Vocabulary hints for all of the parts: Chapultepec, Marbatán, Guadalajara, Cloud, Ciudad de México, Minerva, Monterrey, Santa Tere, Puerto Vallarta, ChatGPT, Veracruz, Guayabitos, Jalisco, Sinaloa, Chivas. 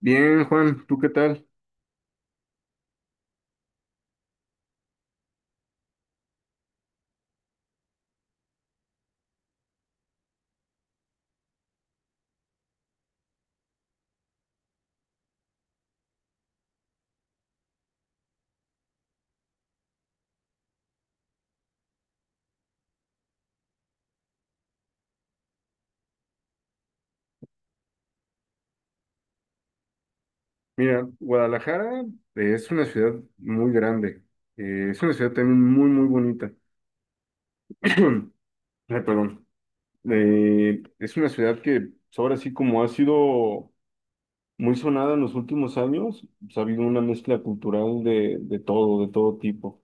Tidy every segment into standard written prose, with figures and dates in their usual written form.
Bien, Juan, ¿tú qué tal? Mira, Guadalajara es una ciudad muy grande. Es una ciudad también muy, muy bonita. Ay, perdón. Es una ciudad que, pues, ahora sí, como ha sido muy sonada en los últimos años, pues, ha habido una mezcla cultural de todo, de todo tipo.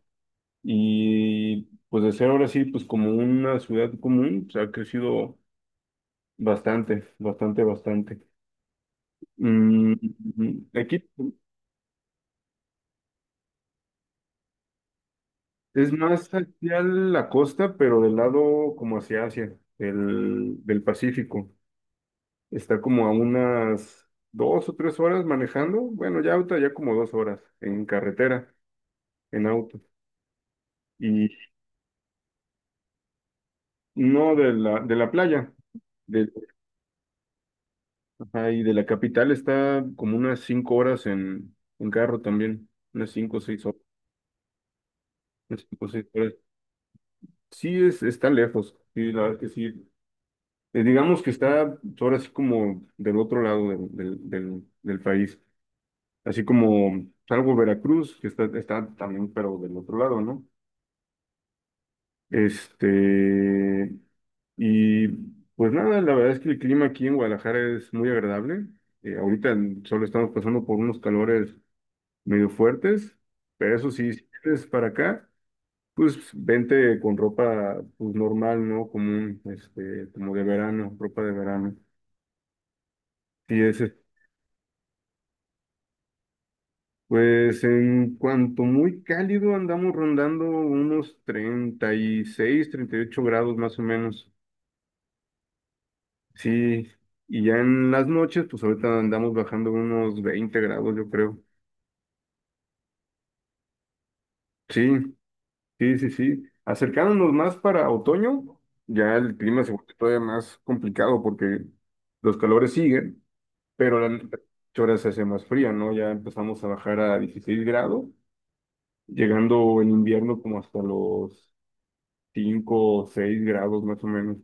Y pues, de ser ahora sí, pues, como una ciudad común, pues, ha crecido bastante, bastante, bastante. Mm, Aquí es más hacia la costa, pero del lado como hacia Asia, del Pacífico. Está como a unas 2 o 3 horas manejando. Bueno, ya ahorita ya como 2 horas en carretera, en auto. Y no de la playa. De, ajá, y de la capital está como unas 5 horas en carro también. Unas 5 o 6 horas. Unas cinco o seis horas. Sí, es, está lejos. Sí, la verdad que sí. Digamos que está ahora así como del otro lado del país, así como salvo Veracruz, que está, está también, pero del otro lado, ¿no? Este, y pues nada, la verdad es que el clima aquí en Guadalajara es muy agradable. Ahorita solo estamos pasando por unos calores medio fuertes, pero eso sí, si vienes para acá, pues vente con ropa, pues, normal, ¿no? Común, este, como de verano, ropa de verano. Sí, es. Pues, en cuanto muy cálido, andamos rondando unos treinta y seis, 38 grados más o menos. Sí, y ya en las noches, pues, ahorita andamos bajando unos 20 grados, yo creo. Sí, sí, sí, sí. Acercándonos más para otoño, ya el clima se vuelve todavía más complicado porque los calores siguen, pero la noche ahora se hace más fría, ¿no? Ya empezamos a bajar a 16 grados, llegando en invierno como hasta los 5 o 6 grados más o menos.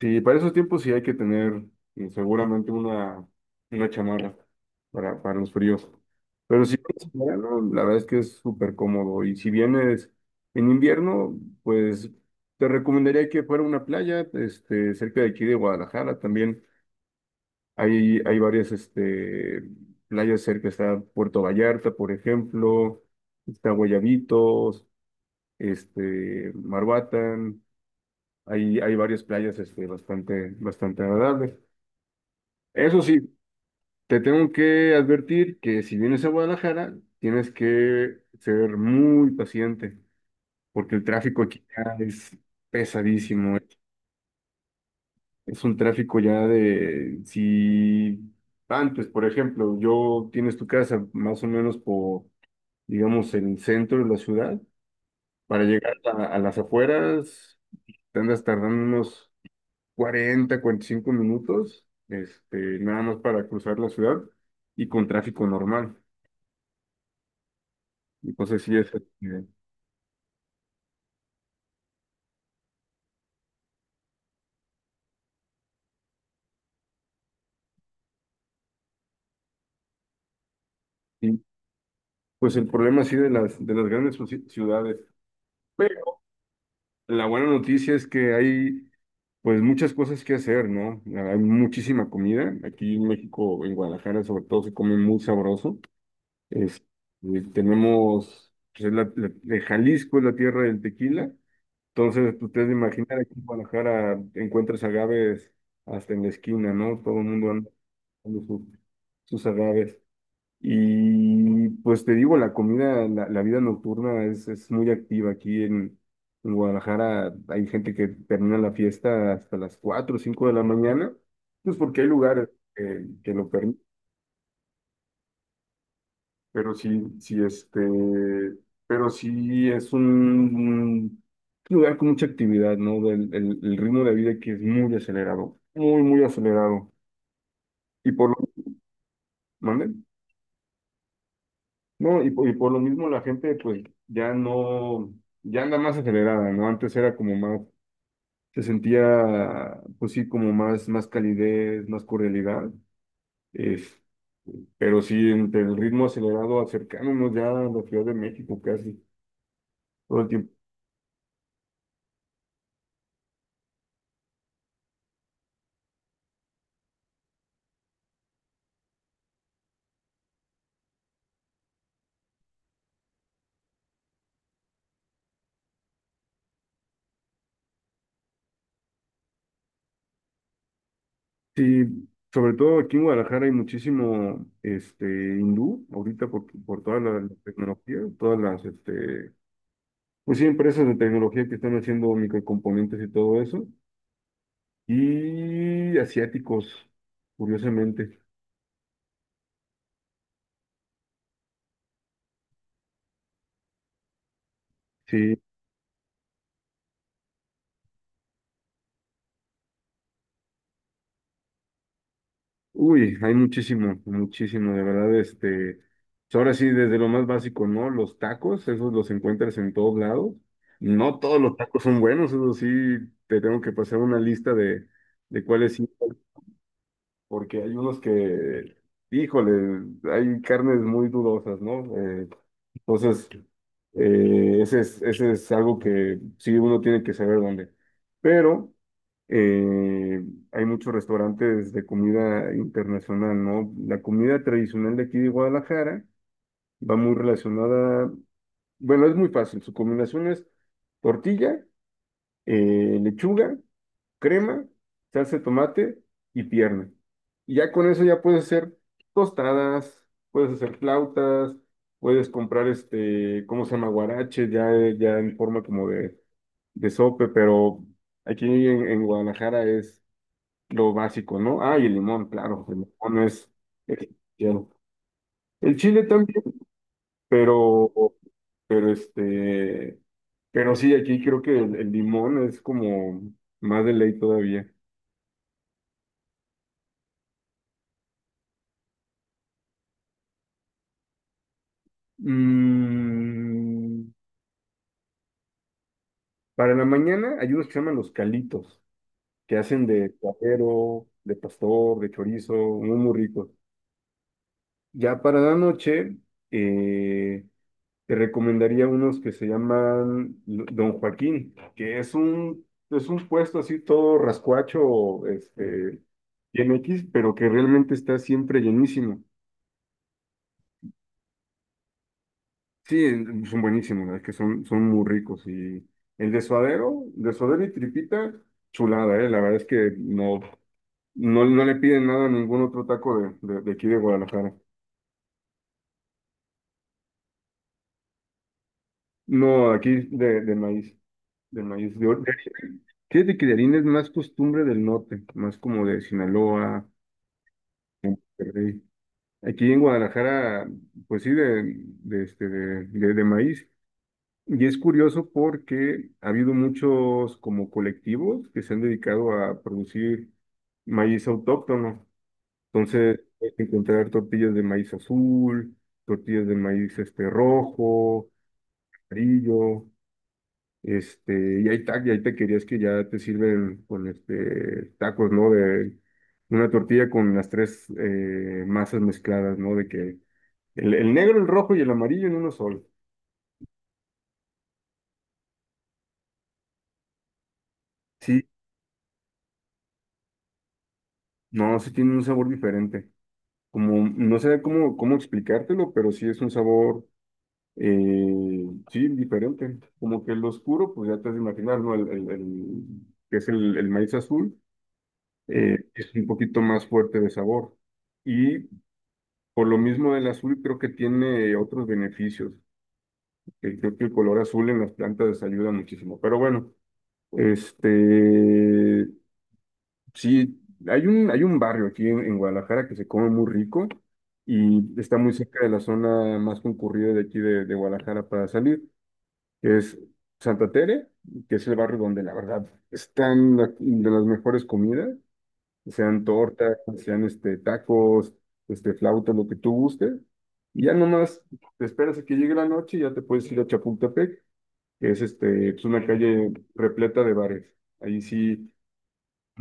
Sí, para esos tiempos sí hay que tener seguramente una chamarra para los fríos. Pero si vienes en verano, la verdad es que es súper cómodo. Y si vienes en invierno, pues te recomendaría que fuera a una playa, este, cerca de aquí de Guadalajara también. Hay varias, este, playas cerca. Está Puerto Vallarta, por ejemplo, está Guayabitos, este, Marbatán. Hay varias playas, este, bastante, bastante agradables. Eso sí, te tengo que advertir que si vienes a Guadalajara, tienes que ser muy paciente, porque el tráfico aquí ya es pesadísimo. Es un tráfico ya de, si antes, por ejemplo, yo tienes tu casa más o menos por, digamos, el centro de la ciudad, para llegar a las afueras, te andas tardando unos cuarenta y cinco minutos, este, nada más para cruzar la ciudad y con tráfico normal. Entonces sí es, este, sí, pues, el problema sí de las grandes ciudades. Pero la buena noticia es que hay, pues, muchas cosas que hacer, ¿no? Hay muchísima comida. Aquí en México, en Guadalajara sobre todo, se come muy sabroso. Este, tenemos, pues, es de Jalisco es la tierra del tequila. Entonces, pues, ustedes imaginar, aquí en Guadalajara encuentras agaves hasta en la esquina, ¿no? Todo el mundo anda buscando sus, sus agaves. Y pues te digo, la comida, la vida nocturna es muy activa aquí en Guadalajara. Hay gente que termina la fiesta hasta las 4 o 5 de la mañana, pues porque hay lugares que lo permiten. Pero sí, sí, este, pero sí es un lugar con mucha actividad, ¿no? El ritmo de vida que es muy acelerado, muy, muy acelerado. Y por lo, ¿mande? No, y por lo mismo la gente, pues, ya no, ya anda más acelerada, ¿no? Antes era como más, se sentía, pues sí, como más, más calidez, más cordialidad. Es, pero sí, entre el ritmo acelerado, acercándonos ya a la Ciudad de México casi, todo el tiempo. Sí, sobre todo aquí en Guadalajara hay muchísimo, este, hindú ahorita por toda la tecnología, todas las, este, pues sí, empresas de tecnología que están haciendo microcomponentes y todo eso, y asiáticos, curiosamente. Sí, uy, hay muchísimo, muchísimo, de verdad, este, pues, ahora sí, desde lo más básico, ¿no? Los tacos, esos los encuentras en todos lados. No todos los tacos son buenos, eso sí, te tengo que pasar una lista de cuáles sí. Porque hay unos que, híjole, hay carnes muy dudosas, ¿no? Entonces, ese es algo que sí uno tiene que saber dónde. Pero eh, hay muchos restaurantes de comida internacional, ¿no? La comida tradicional de aquí de Guadalajara va muy relacionada, bueno, es muy fácil, su combinación es tortilla, lechuga, crema, salsa de tomate y pierna. Y ya con eso ya puedes hacer tostadas, puedes hacer flautas, puedes comprar, este, ¿cómo se llama? Guarache, ya, ya en forma como de sope, pero aquí en Guadalajara es lo básico, ¿no? Ah, y el limón, claro, el limón es esencial. El chile también, pero, pero, este, pero sí, aquí creo que el limón es como más de ley todavía. Mm, para la mañana hay unos que se llaman los calitos, que hacen de cuatero, de pastor, de chorizo, muy, muy ricos. Ya para la noche, eh, te recomendaría unos que se llaman Don Joaquín, que es un puesto así todo rascuacho, este, bien X, pero que realmente está siempre llenísimo. Sí, son buenísimos, es que son, son muy ricos. Y el de suadero y tripita, chulada, ¿eh? La verdad es que no, no, no le piden nada a ningún otro taco de aquí de Guadalajara. No, aquí de maíz, de maíz. De, de harina. Fíjate que de harina es más costumbre del norte, más como de Sinaloa, Monterrey. Aquí en Guadalajara, pues sí, este, de maíz. Y es curioso porque ha habido muchos como colectivos que se han dedicado a producir maíz autóctono. Entonces, puedes encontrar tortillas de maíz azul, tortillas de maíz, este, rojo, amarillo, este, y hay, y hay taquerías que ya te sirven con este tacos, ¿no? De una tortilla con las tres, masas mezcladas, ¿no? De que el negro, el rojo y el amarillo en uno solo. Sí, no, sí tiene un sabor diferente. Como, no sé cómo, cómo explicártelo, pero sí es un sabor, eh, sí, diferente. Como que el oscuro, pues ya te has de imaginar, ¿no? Que es el maíz azul, es un poquito más fuerte de sabor. Y por lo mismo el azul creo que tiene otros beneficios. Creo que el color azul en las plantas les ayuda muchísimo. Pero bueno, este, sí, hay un barrio aquí en Guadalajara que se come muy rico y está muy cerca de la zona más concurrida de aquí de Guadalajara para salir, que es Santa Tere, que es el barrio donde la verdad están de las mejores comidas, sean tortas, sean, este, tacos, este, flautas, lo que tú gustes. Y ya nomás te esperas a que llegue la noche y ya te puedes ir a Chapultepec, que es, este, pues, una calle repleta de bares. Ahí sí.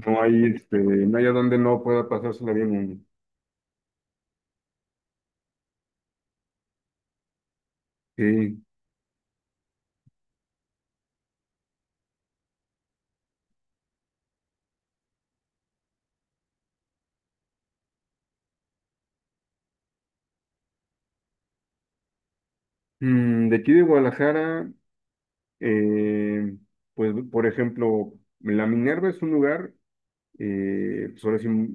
No hay, este, no hay a donde no pueda pasársela bien uno. Sí. Mm, de aquí de Guadalajara, eh, pues, por ejemplo, la Minerva es un lugar, pues, ahora sí, muy,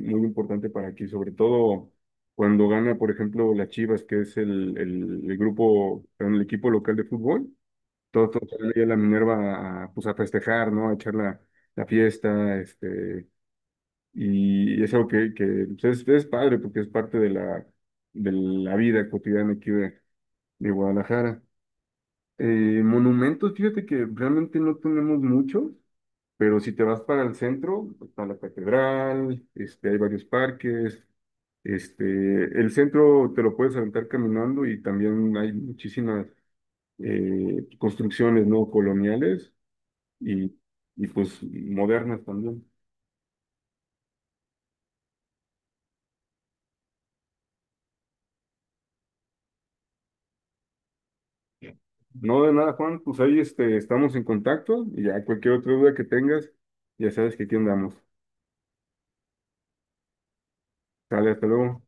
muy importante para aquí, sobre todo cuando gana, por ejemplo, las Chivas, que es el grupo, perdón, el equipo local de fútbol. Todos, todos salen ahí a la Minerva a, pues, a festejar, ¿no? A echar la, la fiesta, este. Y es algo que, pues, es padre porque es parte de la vida cotidiana aquí de Guadalajara. Eh, Monumentos, fíjate que realmente no tenemos muchos, pero si te vas para el centro, está la catedral, este, hay varios parques, este, el centro te lo puedes aventar caminando y también hay muchísimas, construcciones no coloniales y, y pues modernas también. No, de nada, Juan, pues ahí, este, estamos en contacto y ya cualquier otra duda que tengas, ya sabes que aquí andamos. Sale, hasta luego.